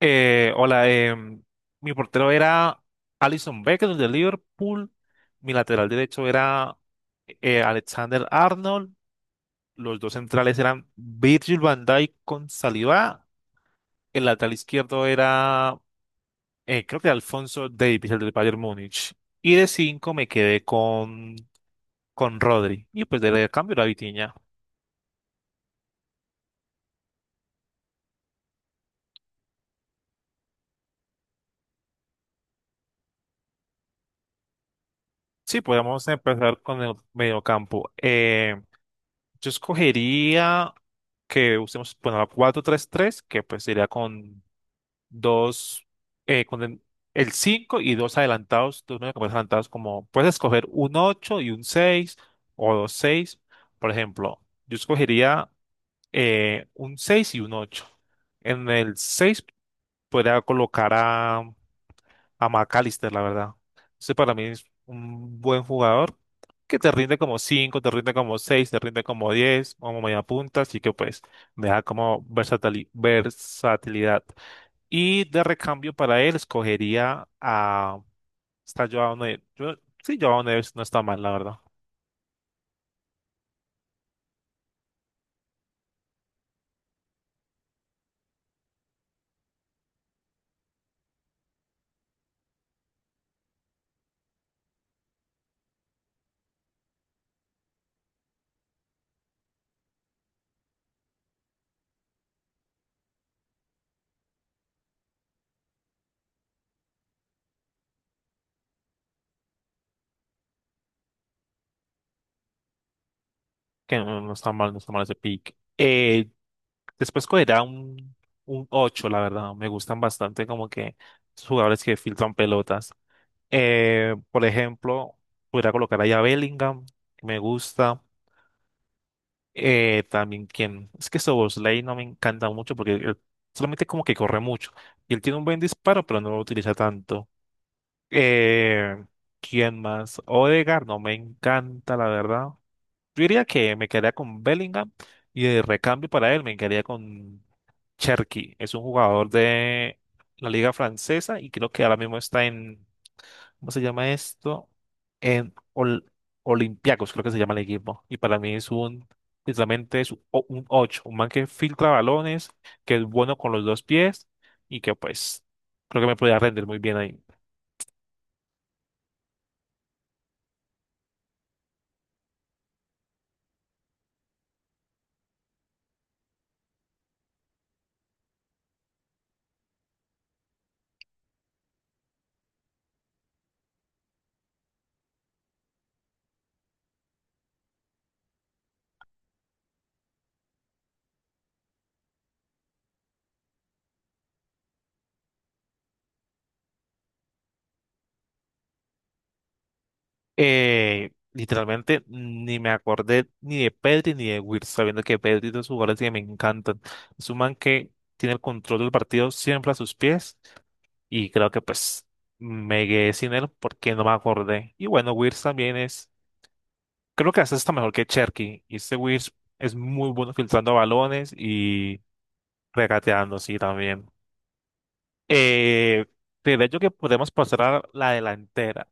Hola, mi portero era Alison Becker de Liverpool, mi lateral derecho era Alexander Arnold, los dos centrales eran Virgil van Dijk con Saliba, el lateral izquierdo era creo que Alfonso Davies, el del Bayern Múnich, y de cinco me quedé con Rodri, y pues de cambio la Vitinha. Sí, podemos empezar con el mediocampo. Yo escogería que usemos, bueno, la 4 tres 3, que pues sería con dos, con el 5 y dos adelantados, dos mediocampistas adelantados, como puedes escoger un 8 y un seis, o dos seis. Por ejemplo, yo escogería un 6 y un ocho. En el 6 podría colocar a McAllister, la verdad. Ese para mí es un buen jugador que te rinde como cinco, te rinde como seis, te rinde como 10, como media punta, así que pues me da como versatilidad. Y de recambio para él escogería a... Está Joao Neves. Sí, Joao Neves no está mal, la verdad. Que no, no está mal, no está mal ese pick. Después escogería un 8, la verdad. Me gustan bastante como que los jugadores que filtran pelotas. Por ejemplo, podría colocar ahí a Bellingham, que me gusta. También quien, es que Soboslay no me encanta mucho porque él solamente como que corre mucho. Y él tiene un buen disparo, pero no lo utiliza tanto. Eh, ¿Quién más? Odegaard no me encanta, la verdad. Yo diría que me quedaría con Bellingham y de recambio para él me quedaría con Cherki. Es un jugador de la liga francesa y creo que ahora mismo está en ¿cómo se llama esto? En Olympiacos, creo que se llama el equipo. Y para mí es un, literalmente es un 8, un man que filtra balones, que es bueno con los dos pies y que pues creo que me podría rendir muy bien ahí. Literalmente ni me acordé ni de Pedri ni de Wirtz, sabiendo que Pedri es de los jugadores que me encantan. Es un man que tiene el control del partido siempre a sus pies y creo que pues me quedé sin él porque no me acordé. Y bueno, Wirtz también es. Creo que hasta está mejor que Cherky. Y este Wiz es muy bueno filtrando balones y regateando, sí, también. Eh, de hecho que podemos pasar a la delantera,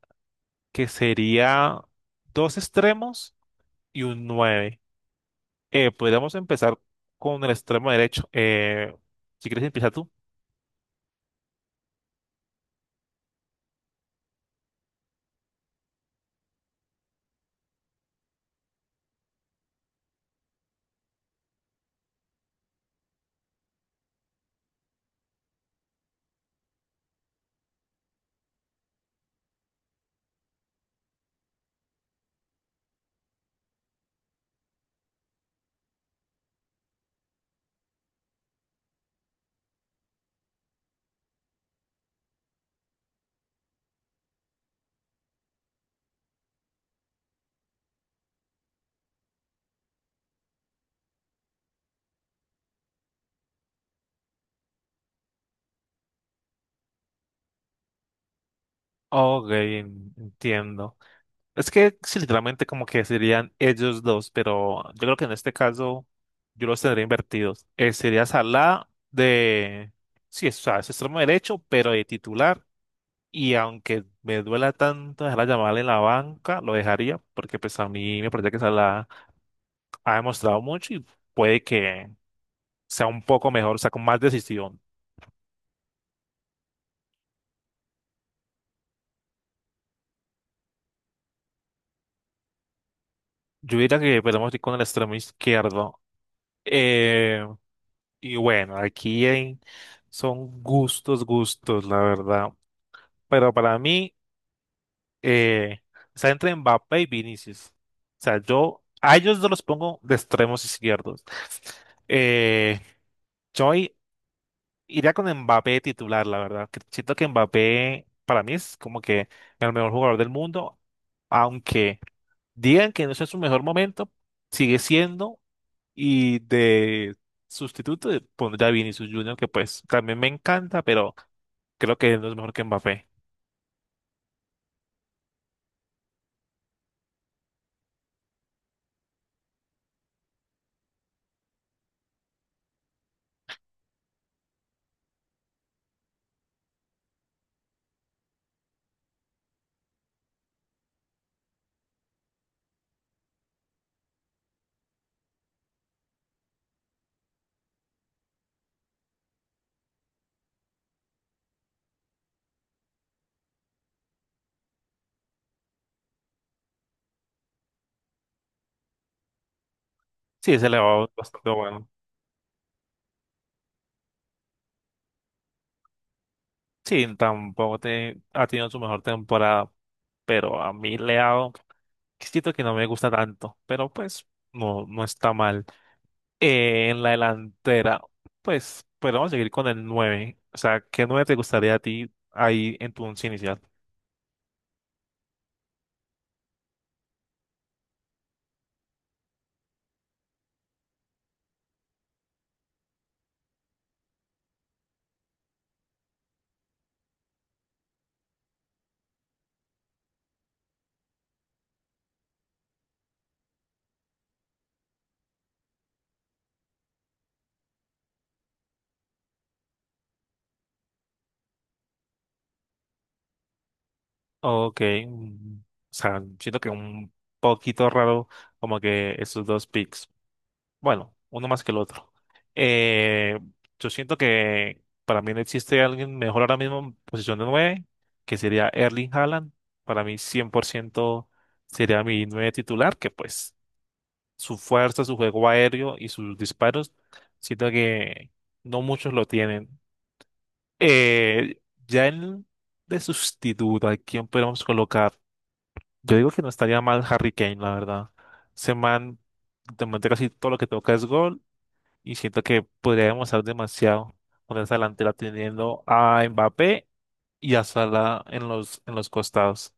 que sería dos extremos y un nueve. Podríamos empezar con el extremo derecho. Si quieres empezar tú. Ok, entiendo. Es que sí, literalmente como que serían ellos dos, pero yo creo que en este caso yo los tendría invertidos. Sería Salah de, sí, es, o sea, es extremo derecho, pero de titular. Y aunque me duela tanto dejar a Yamal en la banca, lo dejaría, porque pues a mí me parece que Salah ha demostrado mucho y puede que sea un poco mejor, o sea, con más decisión. Yo diría que podemos ir con el extremo izquierdo. Eh, Y bueno, son gustos, gustos, la verdad. Pero para mí, eh, está entre Mbappé y Vinicius. O sea, yo a ellos no los pongo de extremos izquierdos. Eh, yo i- iría con Mbappé titular, la verdad. Que Siento que Mbappé para mí es como que el mejor jugador del mundo, aunque digan que no es su mejor momento, sigue siendo. Y de sustituto pondría a Vinicius Junior, que pues también me encanta, pero creo que no es mejor que Mbappé. Sí, se le va bastante bueno. Sí, tampoco te- ha tenido su mejor temporada, pero a mí le ha dado. Siento que no me gusta tanto, pero pues no, no está mal. En la delantera, pues, pero vamos a seguir con el nueve. O sea, ¿qué 9 te gustaría a ti ahí en tu 11 inicial? Ok, o sea, siento que un poquito raro como que esos dos picks. Bueno, uno más que el otro. Eh, yo siento que para mí no existe alguien mejor ahora mismo en posición de 9, que sería Erling Haaland. Para mí 100% sería mi 9 titular, que pues su fuerza, su juego aéreo y sus disparos, siento que no muchos lo tienen. Eh, ya en de sustituto, ¿a quién podemos colocar? Yo digo que no estaría mal Harry Kane, la verdad. Ese man, de momento casi todo lo que toca es gol y siento que podría demostrar demasiado con esa delantera teniendo a Mbappé y a Salah en en los costados.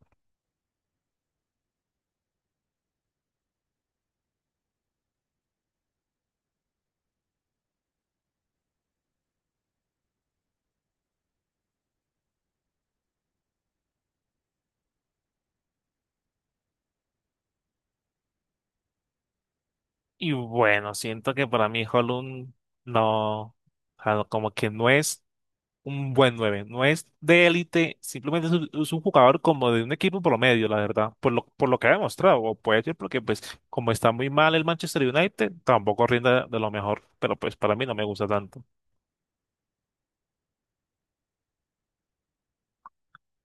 Y bueno, siento que para mí Holland no, o sea, no, como que no es un buen nueve. No es de élite, simplemente es es un jugador como de un equipo promedio, la verdad, por lo que ha demostrado. O puede ser porque, pues, como está muy mal el Manchester United, tampoco rinde de lo mejor, pero pues para mí no me gusta tanto.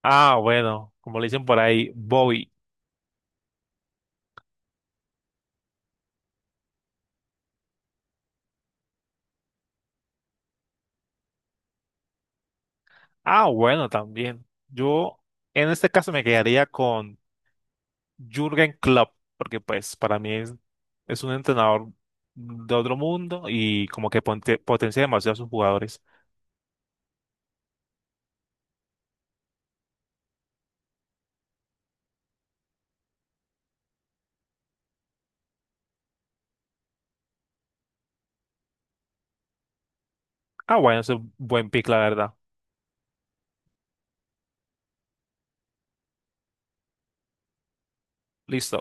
Ah, bueno, como le dicen por ahí, Bobby. Ah, bueno, también. Yo en este caso me quedaría con Jürgen Klopp, porque pues para mí es un entrenador de otro mundo y como que potencia demasiado a sus jugadores. Ah, bueno, es un buen pick, la verdad. Listo.